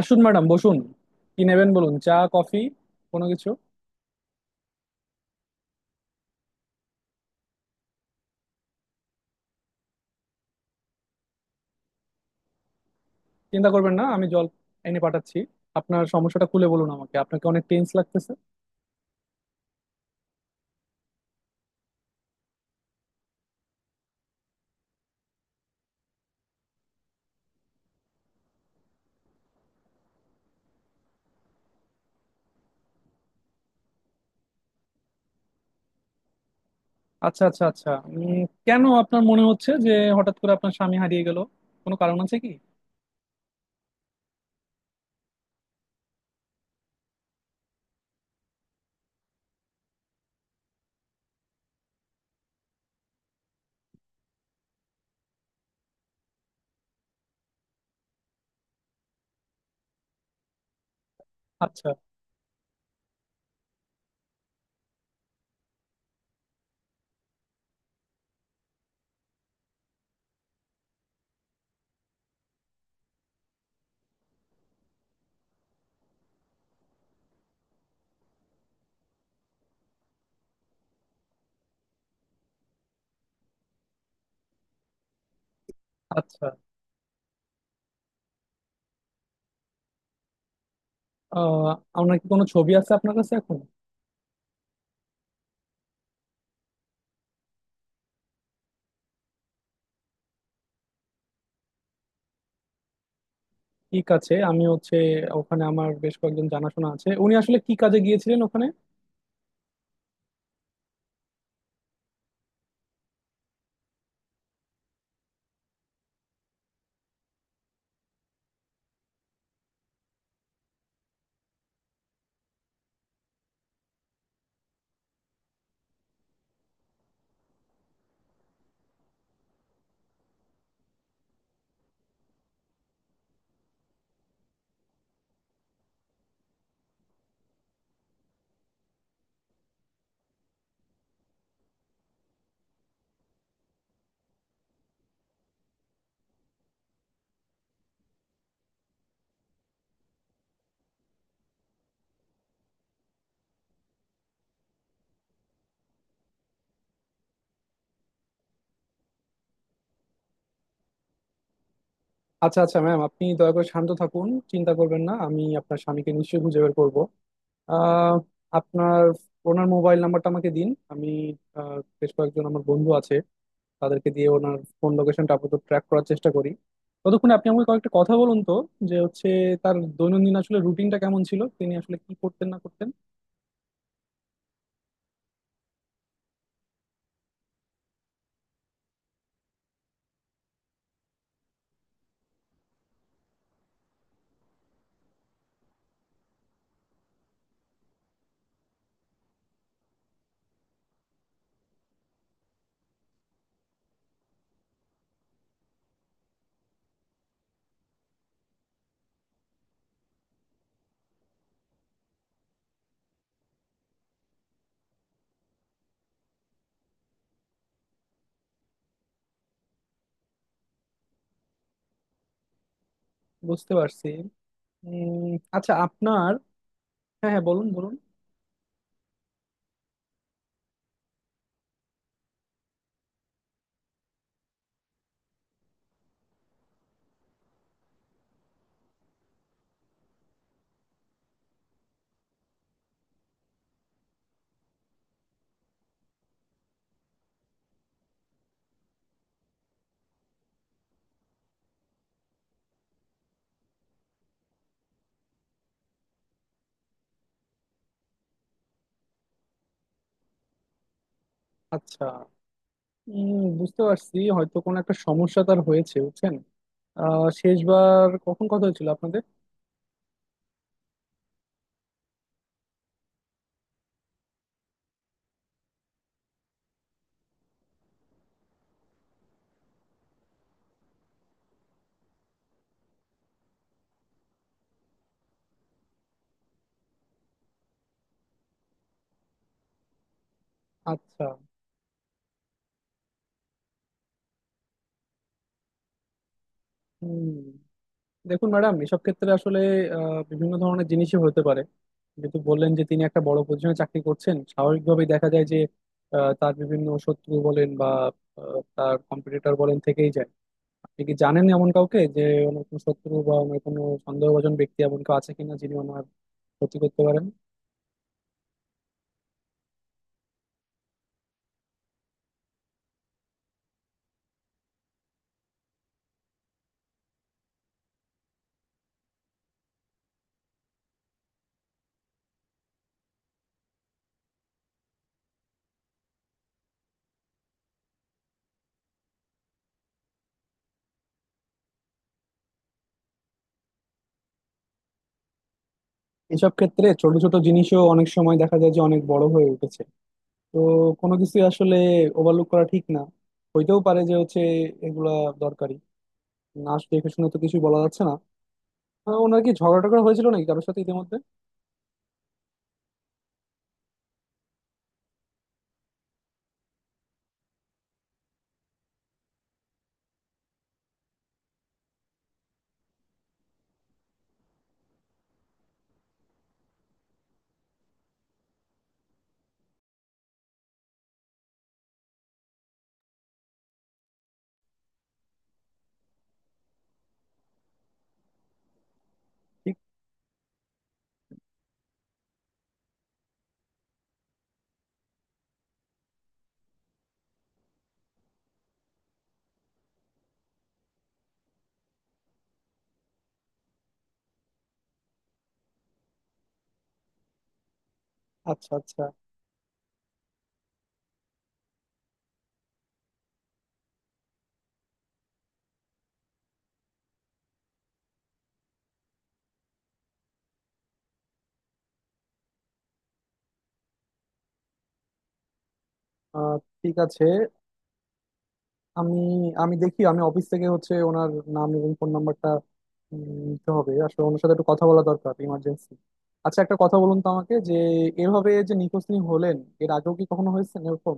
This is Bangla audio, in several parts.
আসুন ম্যাডাম, বসুন। কি নেবেন বলুন, চা, কফি, কোনো কিছু? চিন্তা করবেন না, আমি জল এনে পাঠাচ্ছি। আপনার সমস্যাটা খুলে বলুন আমাকে, আপনাকে অনেক টেন্স লাগতেছে। আচ্ছা আচ্ছা আচ্ছা, কেন আপনার মনে হচ্ছে যে হঠাৎ করে আপনার স্বামী হারিয়ে গেল? কোনো কারণ আছে কি? আচ্ছা। আচ্ছা। আহ, আপনার কি কোনো ছবি আছে আপনার কাছে এখন? ঠিক আছে, আমি হচ্ছে ওখানে আমার বেশ কয়েকজন জানাশোনা আছে। উনি আসলে কি কাজে গিয়েছিলেন ওখানে? আচ্ছা আচ্ছা ম্যাম, আপনি দয়া করে শান্ত থাকুন, চিন্তা করবেন না, আমি আপনার স্বামীকে নিশ্চয়ই খুঁজে বের করবো। আহ, আপনার ওনার মোবাইল নাম্বারটা আমাকে দিন। আমি আহ, বেশ কয়েকজন আমার বন্ধু আছে, তাদেরকে দিয়ে ওনার ফোন লোকেশনটা আপাতত ট্র্যাক করার চেষ্টা করি। ততক্ষণে আপনি আমাকে কয়েকটা কথা বলুন তো, যে হচ্ছে তার দৈনন্দিন আসলে রুটিনটা কেমন ছিল, তিনি আসলে কি করতেন না করতেন। বুঝতে পারছি। উম। আচ্ছা আপনার, হ্যাঁ হ্যাঁ বলুন বলুন। আচ্ছা, উম, বুঝতে পারছি হয়তো কোনো একটা সমস্যা তার হয়েছে, বুঝছেন। আহ, শেষবার কখন কথা হয়েছিল আপনাদের? আচ্ছা। হুম। দেখুন ম্যাডাম, এসব ক্ষেত্রে আসলে বিভিন্ন ধরনের জিনিসই হতে পারে। যেহেতু বললেন যে তিনি একটা বড় পজিশনে চাকরি করছেন, স্বাভাবিকভাবেই দেখা যায় যে তার বিভিন্ন শত্রু বলেন বা তার কম্পিটিটর বলেন থেকেই যায়। আপনি কি জানেন এমন কাউকে যে ওনার কোনো শত্রু বা ওনার কোনো সন্দেহভাজন ব্যক্তি, এমন কেউ আছে কিনা যিনি ওনার ক্ষতি করতে পারেন? এসব ক্ষেত্রে ছোট ছোট জিনিসও অনেক সময় দেখা যায় যে অনেক বড় হয়ে উঠেছে। তো কোনো কিছু আসলে ওভারলুক করা ঠিক না। হইতেও পারে যে হচ্ছে এগুলা দরকারি। নাচ দেখে শুনে তো কিছুই বলা যাচ্ছে না। আহ, ওনার কি ঝগড়া টগড়া হয়েছিল নাকি কারোর সাথে ইতিমধ্যে? ঠিক। আচ্ছা আচ্ছা। আহ, ঠিক আছে, আমি, আমি দেখি, অফিস থেকে হচ্ছে ওনার নাম এবং ফোন নাম্বারটা নিতে হবে, আসলে ওনার সাথে একটু কথা বলা দরকার ইমার্জেন্সি। আচ্ছা, একটা কথা বলুন তো আমাকে, যে এভাবে যে নিখোঁজ তিনি হলেন, এর আগেও কি কখনো হয়েছে এরকম?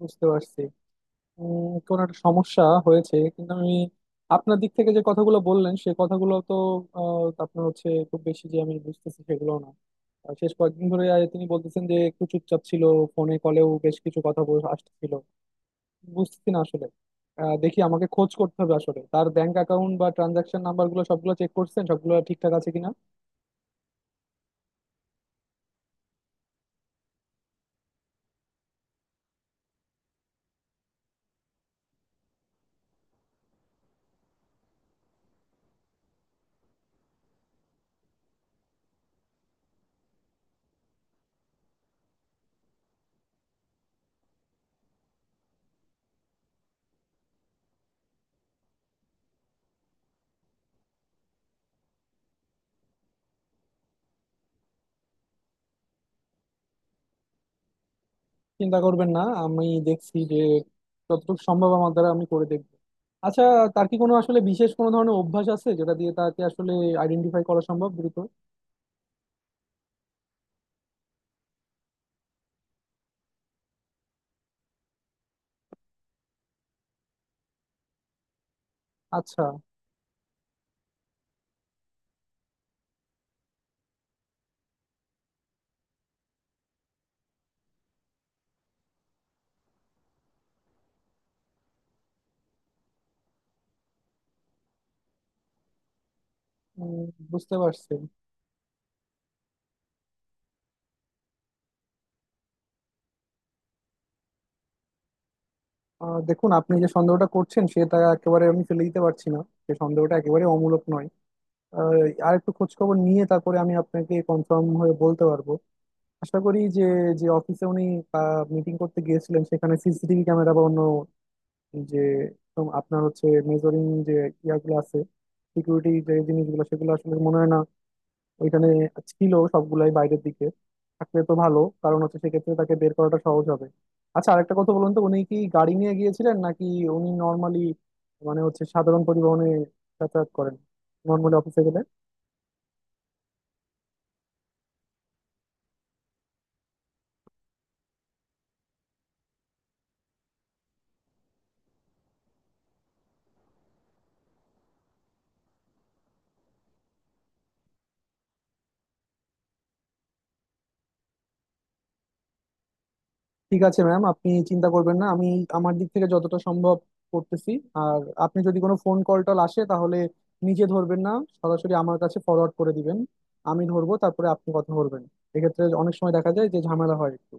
বুঝতে পারছি। উম, কোনো একটা সমস্যা হয়েছে, কিন্তু আমি আপনার দিক থেকে যে কথাগুলো বললেন, সে কথাগুলো তো আপনার হচ্ছে খুব বেশি যে আমি বুঝতেছি, সেগুলো না। আহ, শেষ কয়েকদিন ধরে তিনি বলতেছেন যে একটু চুপচাপ ছিল, ফোনে কলেও বেশ কিছু কথা বলে আসতেছিল, বুঝতেছি না আসলে। আহ, দেখি আমাকে খোঁজ করতে হবে আসলে তার ব্যাংক অ্যাকাউন্ট বা ট্রানজাকশন নাম্বার গুলো, সবগুলো চেক করছেন সবগুলো ঠিকঠাক আছে কিনা। চিন্তা করবেন না, আমি দেখছি যে যতটুকু সম্ভব আমার দ্বারা আমি করে দেখবো। আচ্ছা, তার কি কোনো আসলে বিশেষ কোনো ধরনের অভ্যাস আছে যেটা দিয়ে তাকে আসলে আইডেন্টিফাই করা সম্ভব দ্রুত? আচ্ছা। উম, বুঝতে পারছি। আহ, দেখুন, আপনি যে সন্দেহটা করছেন সেটা একেবারে আমি ফেলে দিতে পারছি না, সে সন্দেহটা একেবারে অমূলক নয়। আর একটু খোঁজ খবর নিয়ে তারপরে আমি আপনাকে কনফার্ম হয়ে বলতে পারবো। আশা করি যে, যে অফিসে উনি মিটিং করতে গিয়েছিলেন সেখানে সিসিটিভি ক্যামেরা বা অন্য যে, তো আপনার হচ্ছে মেজরিং যে ইয়াগুলো আছে, সিকিউরিটি যে জিনিসগুলো, সেগুলো আসলে মনে হয় না ওইখানে ছিল, সবগুলাই বাইরের দিকে। থাকলে তো ভালো, কারণ হচ্ছে সেক্ষেত্রে তাকে বের করাটা সহজ হবে। আচ্ছা, আরেকটা কথা বলুন তো, উনি কি গাড়ি নিয়ে গিয়েছিলেন নাকি উনি নর্মালি মানে হচ্ছে সাধারণ পরিবহনে যাতায়াত করেন নর্মালি অফিসে গেলে? ঠিক আছে ম্যাম, আপনি চিন্তা করবেন না, আমি আমার দিক থেকে যতটা সম্ভব করতেছি। আর আপনি যদি কোনো ফোন কল টল আসে, তাহলে নিজে ধরবেন না, সরাসরি আমার কাছে ফরওয়ার্ড করে দিবেন। আমি ধরবো, তারপরে আপনি কথা ধরবেন। এক্ষেত্রে অনেক সময় দেখা যায় যে ঝামেলা হয় একটু,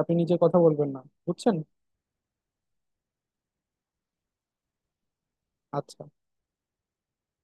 আপনি নিজে কথা বলবেন না, বুঝছেন? আচ্ছা।